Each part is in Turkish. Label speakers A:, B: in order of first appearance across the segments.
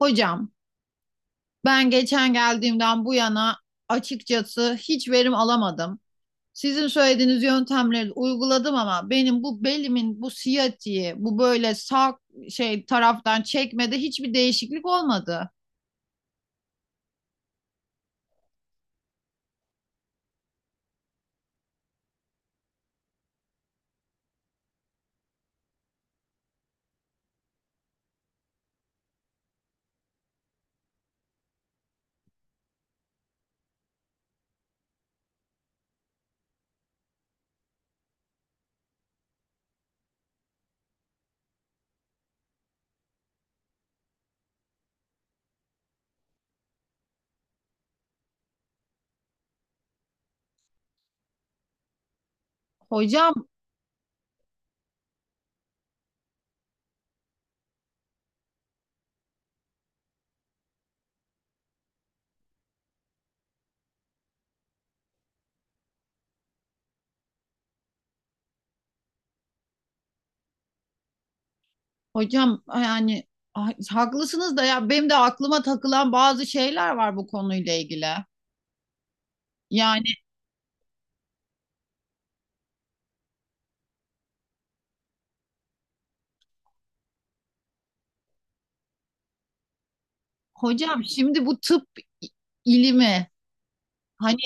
A: Hocam, ben geçen geldiğimden bu yana açıkçası hiç verim alamadım. Sizin söylediğiniz yöntemleri uyguladım ama benim bu belimin bu siyatiği, bu böyle sağ şey taraftan çekmede hiçbir değişiklik olmadı. Hocam, hocam, yani ah, haklısınız da ya benim de aklıma takılan bazı şeyler var bu konuyla ilgili. Yani hocam, şimdi bu tıp i- ilimi, hani,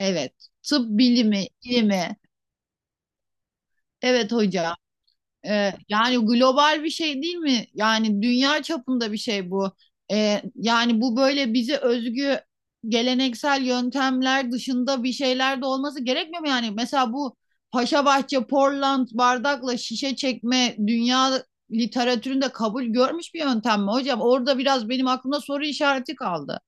A: evet, tıp bilimi ilimi, evet hocam. Yani global bir şey değil mi? Yani dünya çapında bir şey bu. Yani bu böyle bize özgü geleneksel yöntemler dışında bir şeyler de olması gerekmiyor mu? Yani mesela bu Paşabahçe, Portland bardakla şişe çekme dünya literatüründe kabul görmüş bir yöntem mi hocam? Orada biraz benim aklımda soru işareti kaldı.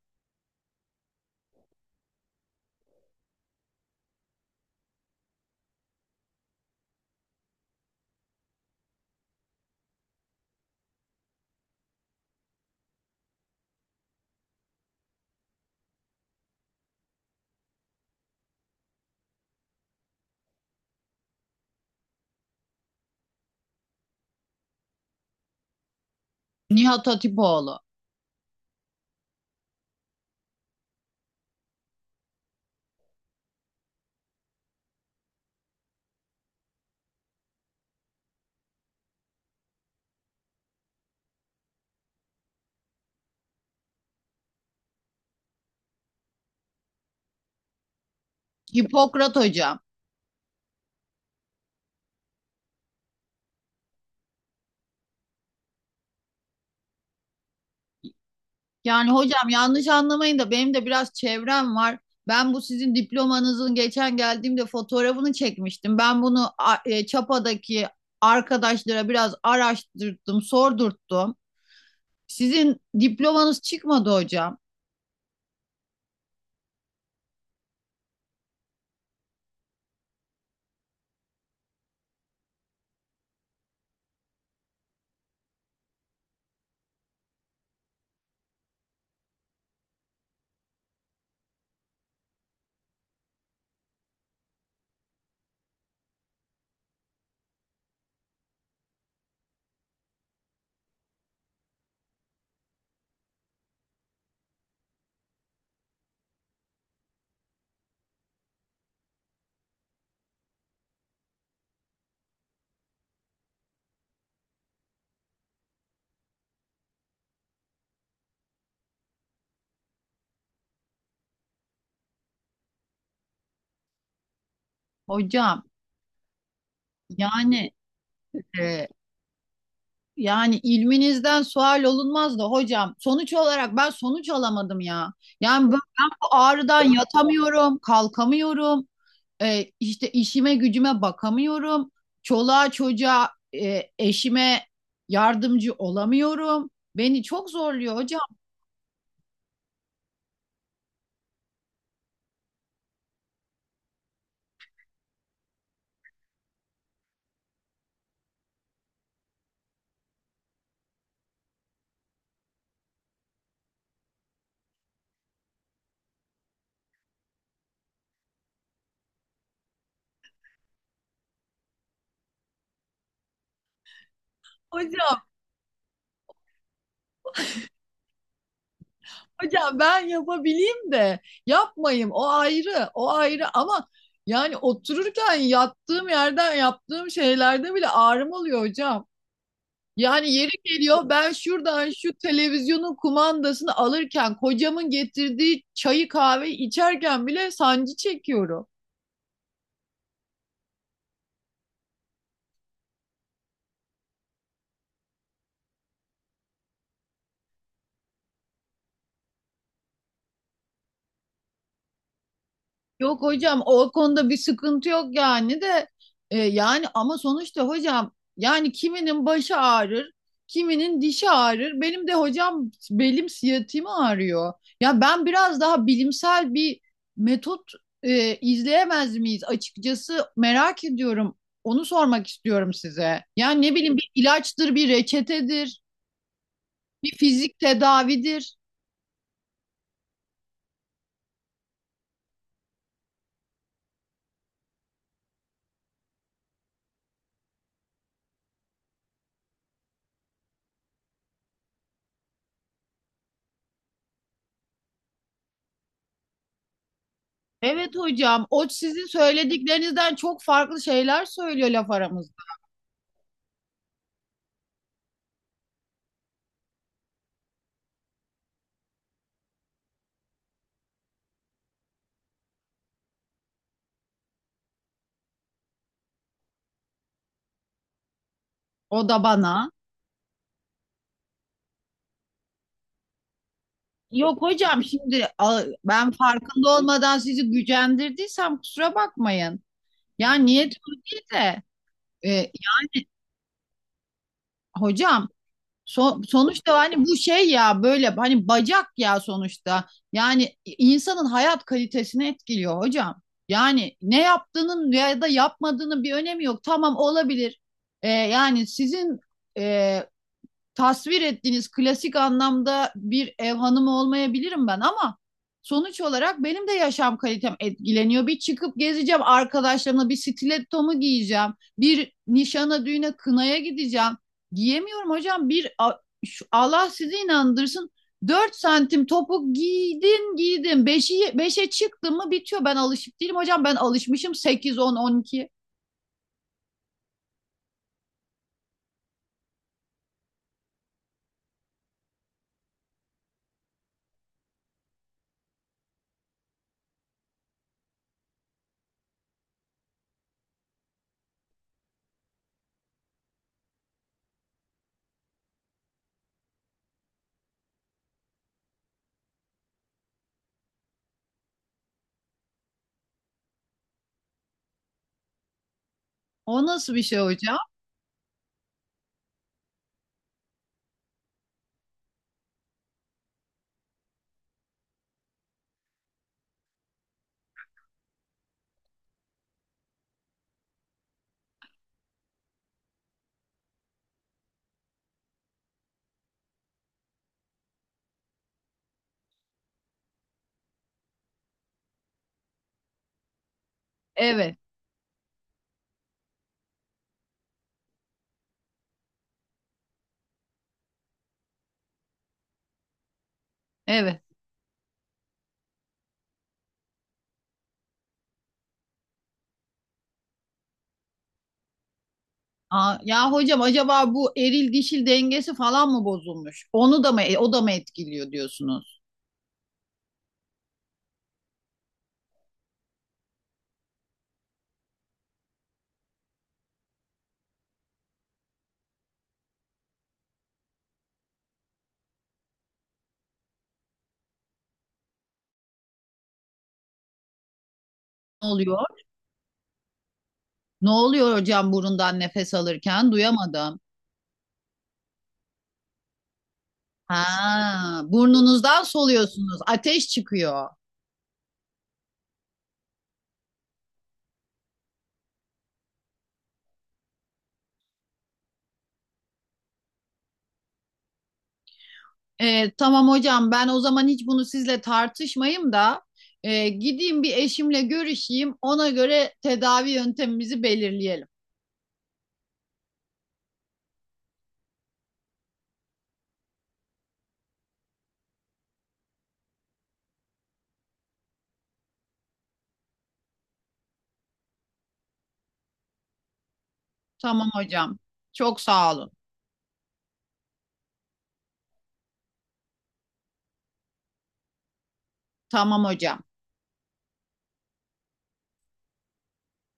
A: Nihat Hatipoğlu, Hipokrat hocam. Yani hocam, yanlış anlamayın da benim de biraz çevrem var. Ben bu sizin diplomanızın geçen geldiğimde fotoğrafını çekmiştim. Ben bunu Çapa'daki arkadaşlara biraz araştırdım, sordurttum. Sizin diplomanız çıkmadı hocam. Hocam, yani e, ilminizden sual olunmaz da hocam, sonuç olarak ben sonuç alamadım ya. Yani ben bu ağrıdan yatamıyorum, kalkamıyorum. E, işte işime gücüme bakamıyorum. Çoluğa çocuğa, eşime yardımcı olamıyorum. Beni çok zorluyor hocam. Hocam, hocam, ben yapabileyim de yapmayayım. O ayrı, o ayrı, ama yani otururken yattığım yerden yaptığım şeylerde bile ağrım oluyor hocam. Yani yeri geliyor, ben şuradan şu televizyonun kumandasını alırken, kocamın getirdiği çayı kahveyi içerken bile sancı çekiyorum. Yok hocam, o konuda bir sıkıntı yok, yani de, yani, ama sonuçta hocam, yani kiminin başı ağrır, kiminin dişi ağrır. Benim de hocam belim, siyatiğim ağrıyor. Ya ben biraz daha bilimsel bir metot izleyemez miyiz, açıkçası merak ediyorum. Onu sormak istiyorum size. Yani ne bileyim, bir ilaçtır, bir reçetedir, bir fizik tedavidir. Evet hocam, o sizin söylediklerinizden çok farklı şeyler söylüyor, laf aramızda. O da bana. Yok hocam, şimdi a- ben farkında olmadan sizi gücendirdiysem kusura bakmayın. Ya niyet o değil de, yani hocam, Sonuçta hani bu şey ya, böyle hani bacak ya sonuçta. Yani insanın hayat kalitesini etkiliyor hocam. Yani ne yaptığının ya da yapmadığının bir önemi yok. Tamam, olabilir. Yani sizin e, tasvir ettiğiniz klasik anlamda bir ev hanımı olmayabilirim ben, ama sonuç olarak benim de yaşam kalitem etkileniyor. Bir çıkıp gezeceğim arkadaşlarımla, bir stilettomu giyeceğim, bir nişana, düğüne, kınaya gideceğim. Giyemiyorum hocam. Bir Allah sizi inandırsın, 4 santim topuk giydin giydin, beşe 5'e çıktın mı bitiyor. Ben alışık değilim hocam. Ben alışmışım 8, 10, 12 O nasıl bir şey hocam? Evet. Evet. Aa, ya hocam, acaba bu eril dişil dengesi falan mı bozulmuş? Onu da mı, o da mı etkiliyor diyorsunuz? Ne oluyor? Ne oluyor hocam, burundan nefes alırken? Duyamadım. Ha, burnunuzdan soluyorsunuz. Ateş çıkıyor. Tamam hocam, ben o zaman hiç bunu sizle tartışmayayım da gideyim, bir eşimle görüşeyim. Ona göre tedavi yöntemimizi belirleyelim. Tamam hocam. Çok sağ olun. Tamam hocam.